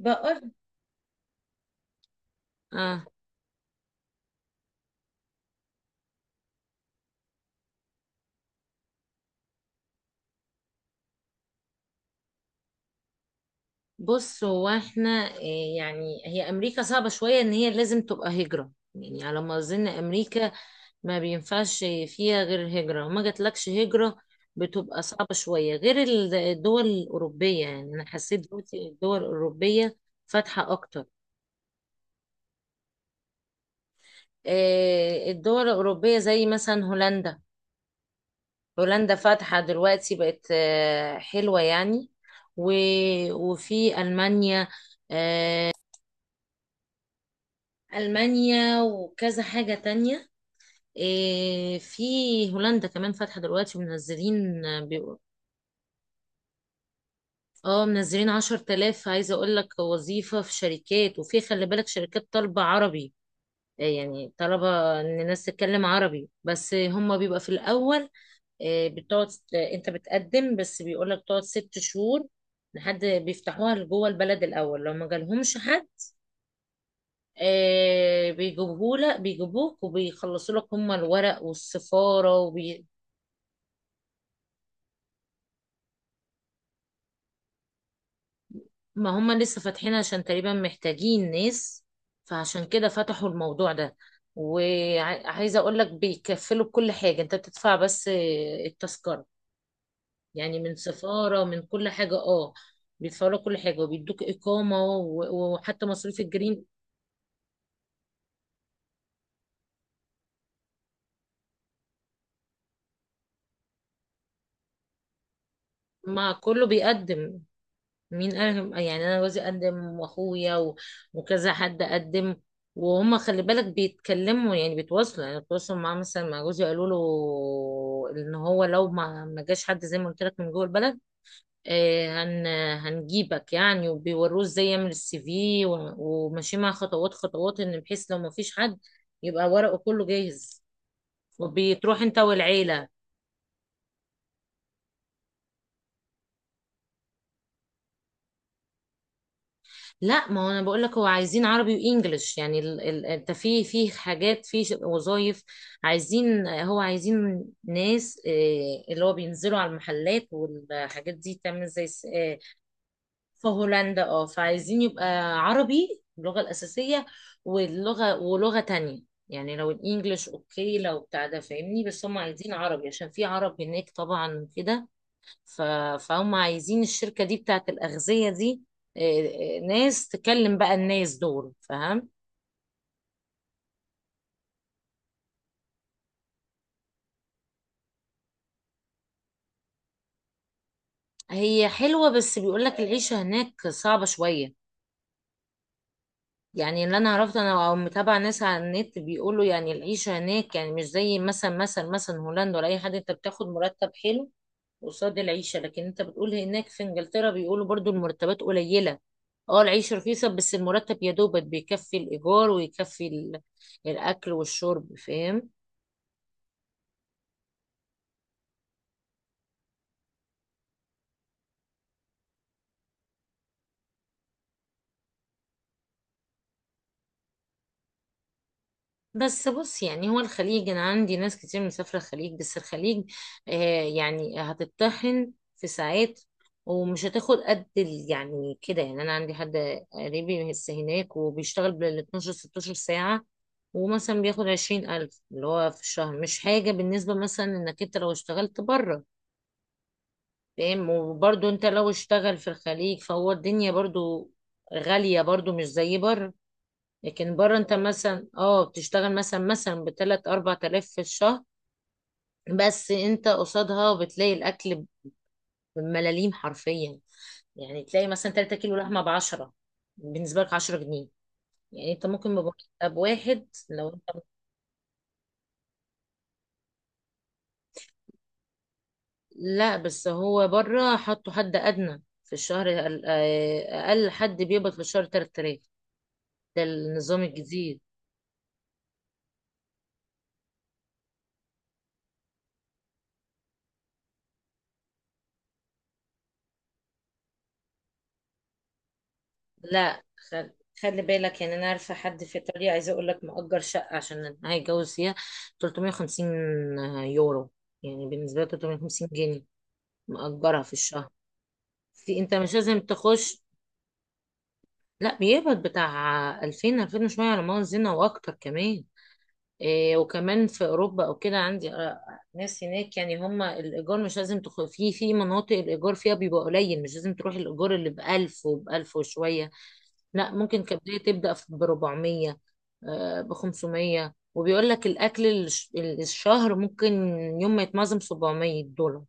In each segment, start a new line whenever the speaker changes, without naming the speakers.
بقول اه بص هو احنا يعني هي امريكا صعبة شوية ان هي لازم تبقى هجرة، يعني على ما اظن امريكا ما بينفعش فيها غير هجرة، وما جاتلكش هجرة بتبقى صعبة شوية. غير الدول الأوروبية، يعني أنا حسيت دلوقتي الدول الأوروبية فاتحة أكتر. الدول الأوروبية زي مثلا هولندا. هولندا فاتحة دلوقتي، بقت حلوة يعني. وفي ألمانيا آه، ألمانيا وكذا حاجة تانية. إيه في هولندا كمان فاتحة دلوقتي ومنزلين. بيقول اه منزلين عشر تلاف، عايزة اقول لك وظيفة في شركات، وفي خلي بالك شركات طالبة عربي. إيه يعني طلبة ان الناس تتكلم عربي. بس هما بيبقى في الاول إيه بتقعد، انت بتقدم بس بيقول لك تقعد ست شهور لحد بيفتحوها لجوه البلد الاول. لو ما جالهمش حد، آه بيجيبوه لك، بيجيبوك وبيخلصوا لك هم الورق والسفارة ما هم لسه فاتحين عشان تقريبا محتاجين ناس، فعشان كده فتحوا الموضوع ده. وعايزة اقول لك بيكفلوا كل حاجة، انت بتدفع بس التذكرة، يعني من سفارة من كل حاجة اه. بيدفعوا لك كل حاجة وبيدوك إقامة وحتى مصاريف الجرين. مع كله بيقدم، مين قال؟ يعني انا جوزي قدم، واخويا وكذا حد قدم. وهم خلي بالك بيتكلموا يعني بيتواصلوا معاه، مثلا مع جوزي قالوا له ان هو لو ما جاش حد زي ما قلت لك من جوه البلد آه، هن هنجيبك يعني، وبيوروه ازاي يعمل السي في، وماشي مع خطوات خطوات، ان بحيث لو ما فيش حد يبقى ورقه كله جاهز، وبتروح انت والعيلة. لا ما هو انا بقول لك هو عايزين عربي وانجليش. يعني انت في حاجات في وظايف عايزين، هو عايزين ناس اللي هو بينزلوا على المحلات والحاجات دي تعمل زي في هولندا اه، فعايزين يبقى عربي اللغة الأساسية، واللغة ولغة تانية. يعني لو الانجليش اوكي لو بتاع ده فاهمني، بس هم عايزين عربي عشان في عرب هناك طبعا كده. ف- فهم عايزين الشركة دي بتاعت الأغذية دي، آه، ناس تكلم بقى الناس دول فاهم. هي حلوة، بس بيقولك العيشة هناك صعبة شوية. يعني اللي أنا عرفت أنا أو متابعة ناس على النت بيقولوا، يعني العيشة هناك يعني مش زي مثلا هولندا ولا أي حد، أنت بتاخد مرتب حلو قصاد العيشة. لكن أنت بتقول هناك في إنجلترا بيقولوا برضو المرتبات قليلة، اه العيشة رخيصة بس المرتب يا دوبك بيكفي الإيجار، ويكفي الأكل والشرب فاهم. بس بص، يعني هو الخليج انا عندي ناس كتير مسافره الخليج، بس الخليج آه يعني هتتطحن في ساعات، ومش هتاخد قد يعني كده. يعني انا عندي حد قريبي لسه هناك، وبيشتغل بال 12 16 ساعه، ومثلا بياخد 20,000 اللي هو في الشهر، مش حاجه بالنسبه مثلا انك انت لو اشتغلت بره فاهم. وبرضه انت لو اشتغل في الخليج فهو الدنيا برضه غاليه، برضه مش زي بره. لكن بره انت مثلا اه بتشتغل مثلا بتلات اربع تلاف في الشهر، بس انت قصادها بتلاقي الاكل بملاليم حرفيا. يعني تلاقي مثلا تلاتة كيلو لحمة بعشرة، بالنسبة لك عشرة جنيه. يعني انت ممكن بمرتب واحد لو انت، لا بس هو بره حطوا حد ادنى في الشهر اقل، أقل حد بيقبض في الشهر تلات تلاف، ده النظام الجديد. لا خل... خلي بالك، يعني انا عارفه حد في ايطاليا عايزه اقول لك، مأجر شقه عشان هيتجوز فيها 350 يورو، يعني بالنسبه له 350 جنيه مأجرها في الشهر. في انت مش لازم تخش. لا بيقبض بتاع 2000 2000 وشويه على ما اظن، واكتر كمان. إيه وكمان في اوروبا او كده عندي ناس هناك، يعني هم الايجار مش لازم في مناطق الايجار فيها بيبقى قليل، مش لازم تروح الايجار اللي ب 1000 وب 1000 وشويه. لا ممكن كبداية تبدأ ب 400، ب 500. وبيقول لك الأكل الشهر ممكن يوم ما يتنظم 700 دولار،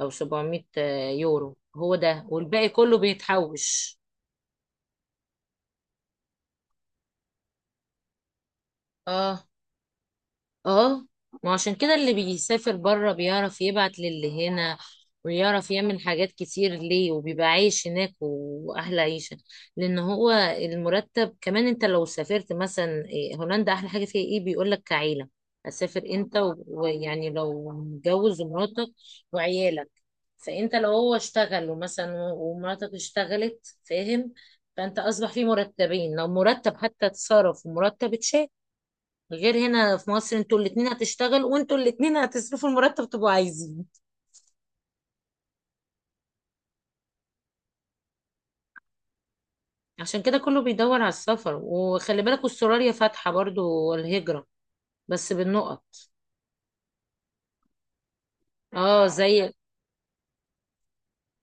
أو 700 يورو. هو ده، والباقي كله بيتحوش اه اه. ما عشان كده اللي بيسافر بره بيعرف يبعت للي هنا، ويعرف يعمل حاجات كتير ليه، وبيبقى عايش هناك واحلى عيشة. لان هو المرتب كمان، انت لو سافرت مثلا هولندا احلى حاجة فيها ايه، بيقولك كعيلة هتسافر انت ويعني لو متجوز ومراتك وعيالك، فانت لو هو اشتغل، ومثلا ومراتك اشتغلت فاهم، فانت اصبح في مرتبين، لو مرتب حتى اتصرف ومرتب اتشال، غير هنا في مصر انتوا الاتنين هتشتغل وانتوا الاتنين هتصرفوا المرتب تبقوا عايزين. عشان كده كله بيدور على السفر، وخلي بالك استراليا فاتحة برضو الهجرة بس بالنقط. اه زي،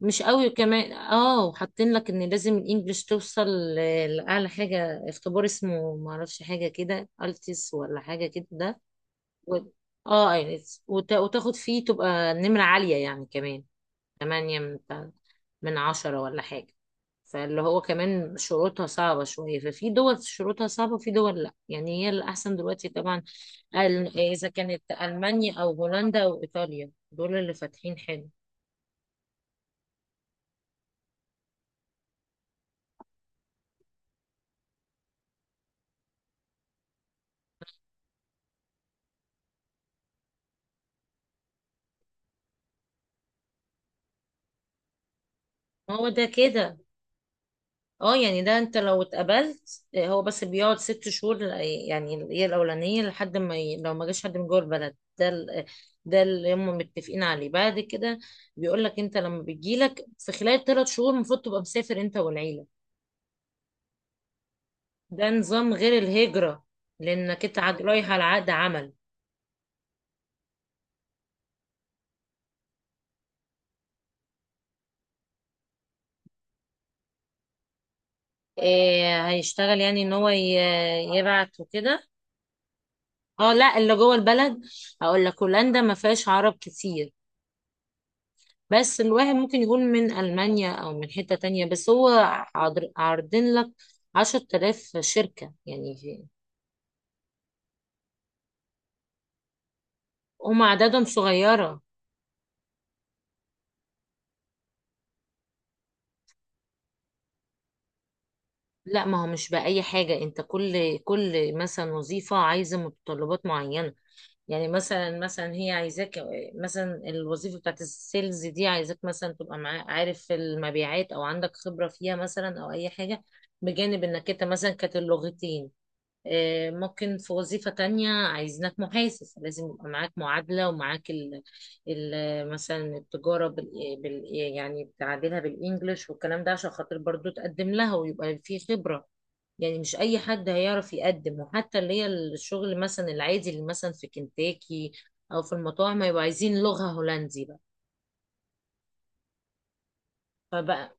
مش قوي كمان اه، حاطين لك ان لازم الانجليش توصل لاعلى حاجة، اختبار اسمه معرفش، حاجة كده التس ولا حاجة كده ده و... اه ايلتس وتاخد فيه تبقى نمرة عالية يعني كمان، تمانية من عشرة ولا حاجة. فاللي هو كمان شروطها صعبة شوية. ففي دول شروطها صعبة، وفي دول لأ. يعني هي الأحسن دلوقتي طبعا، إذا كانت ألمانيا أو هولندا أو إيطاليا، دول اللي فاتحين حلو. ما هو ده كده اه، يعني ده انت لو اتقبلت هو بس بيقعد ست شهور، يعني هي الاولانيه لحد ما لو ما جاش حد من جوه البلد، ده ال... آه، ده اللي هم متفقين عليه. بعد كده بيقول لك انت لما بتجيلك في خلال ثلاث شهور المفروض تبقى مسافر انت والعيله، ده نظام غير الهجره، لانك انت عاد رايح على عقد عمل. إيه هيشتغل، يعني ان هو يبعت وكده اه. لا اللي جوه البلد، هقول لك هولندا ما فيهاش عرب كتير، بس الواحد ممكن يكون من ألمانيا أو من حتة تانية، بس هو عارضين لك عشرة آلاف شركة يعني هم أعدادهم صغيرة. لا ما هو مش بأي حاجة. أنت كل مثلا وظيفة عايزة متطلبات معينة. يعني مثلا هي عايزاك، مثلا الوظيفة بتاعت السيلز دي عايزاك مثلا تبقى عارف المبيعات، أو عندك خبرة فيها مثلا، أو أي حاجة بجانب إنك أنت مثلا كانت اللغتين. ممكن في وظيفة تانية عايزينك محاسب، لازم يبقى معاك معادلة ومعاك ال ال مثلا التجارة بال يعني بتعادلها بالإنجلش والكلام ده، عشان خاطر برضو تقدم لها ويبقى في خبرة. يعني مش أي حد هيعرف يقدم، وحتى اللي هي الشغل مثلا العادي اللي مثلا في كنتاكي أو في المطاعم هيبقوا عايزين لغة هولندي بقى. فبقى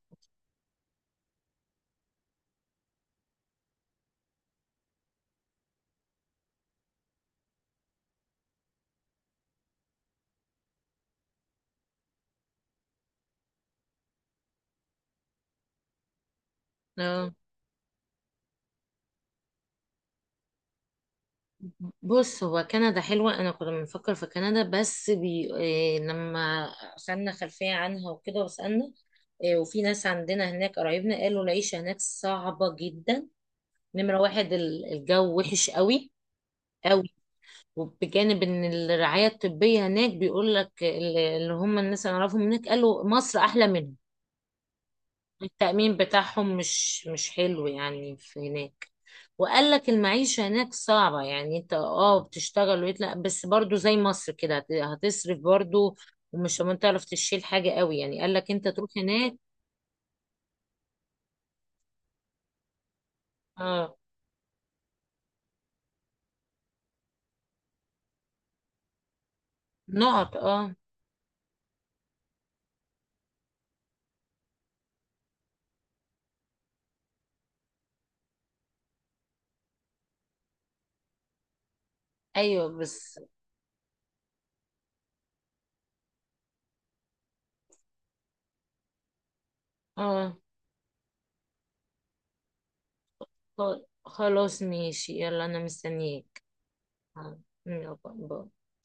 آه. بص هو كندا حلوة، أنا كنا بنفكر في كندا بس إيه لما خدنا خلفية عنها وكده وسألنا، إيه وفي ناس عندنا هناك قرايبنا قالوا العيشة هناك صعبة جدا. نمرة واحد الجو وحش قوي قوي. وبجانب إن الرعاية الطبية هناك بيقول لك اللي هم الناس اللي أعرفهم هناك قالوا مصر أحلى منهم، التأمين بتاعهم مش حلو يعني في هناك. وقال لك المعيشة هناك صعبة يعني، انت اه بتشتغل ويطلع بس برضو زي مصر كده هتصرف برضو، ومش ما تعرف تشيل حاجة قوي يعني، قال لك انت تروح هناك. اه نقط اه، ايوه بس اه. خلاص ماشي، يلا انا مستنياك. آه، يلا، باي.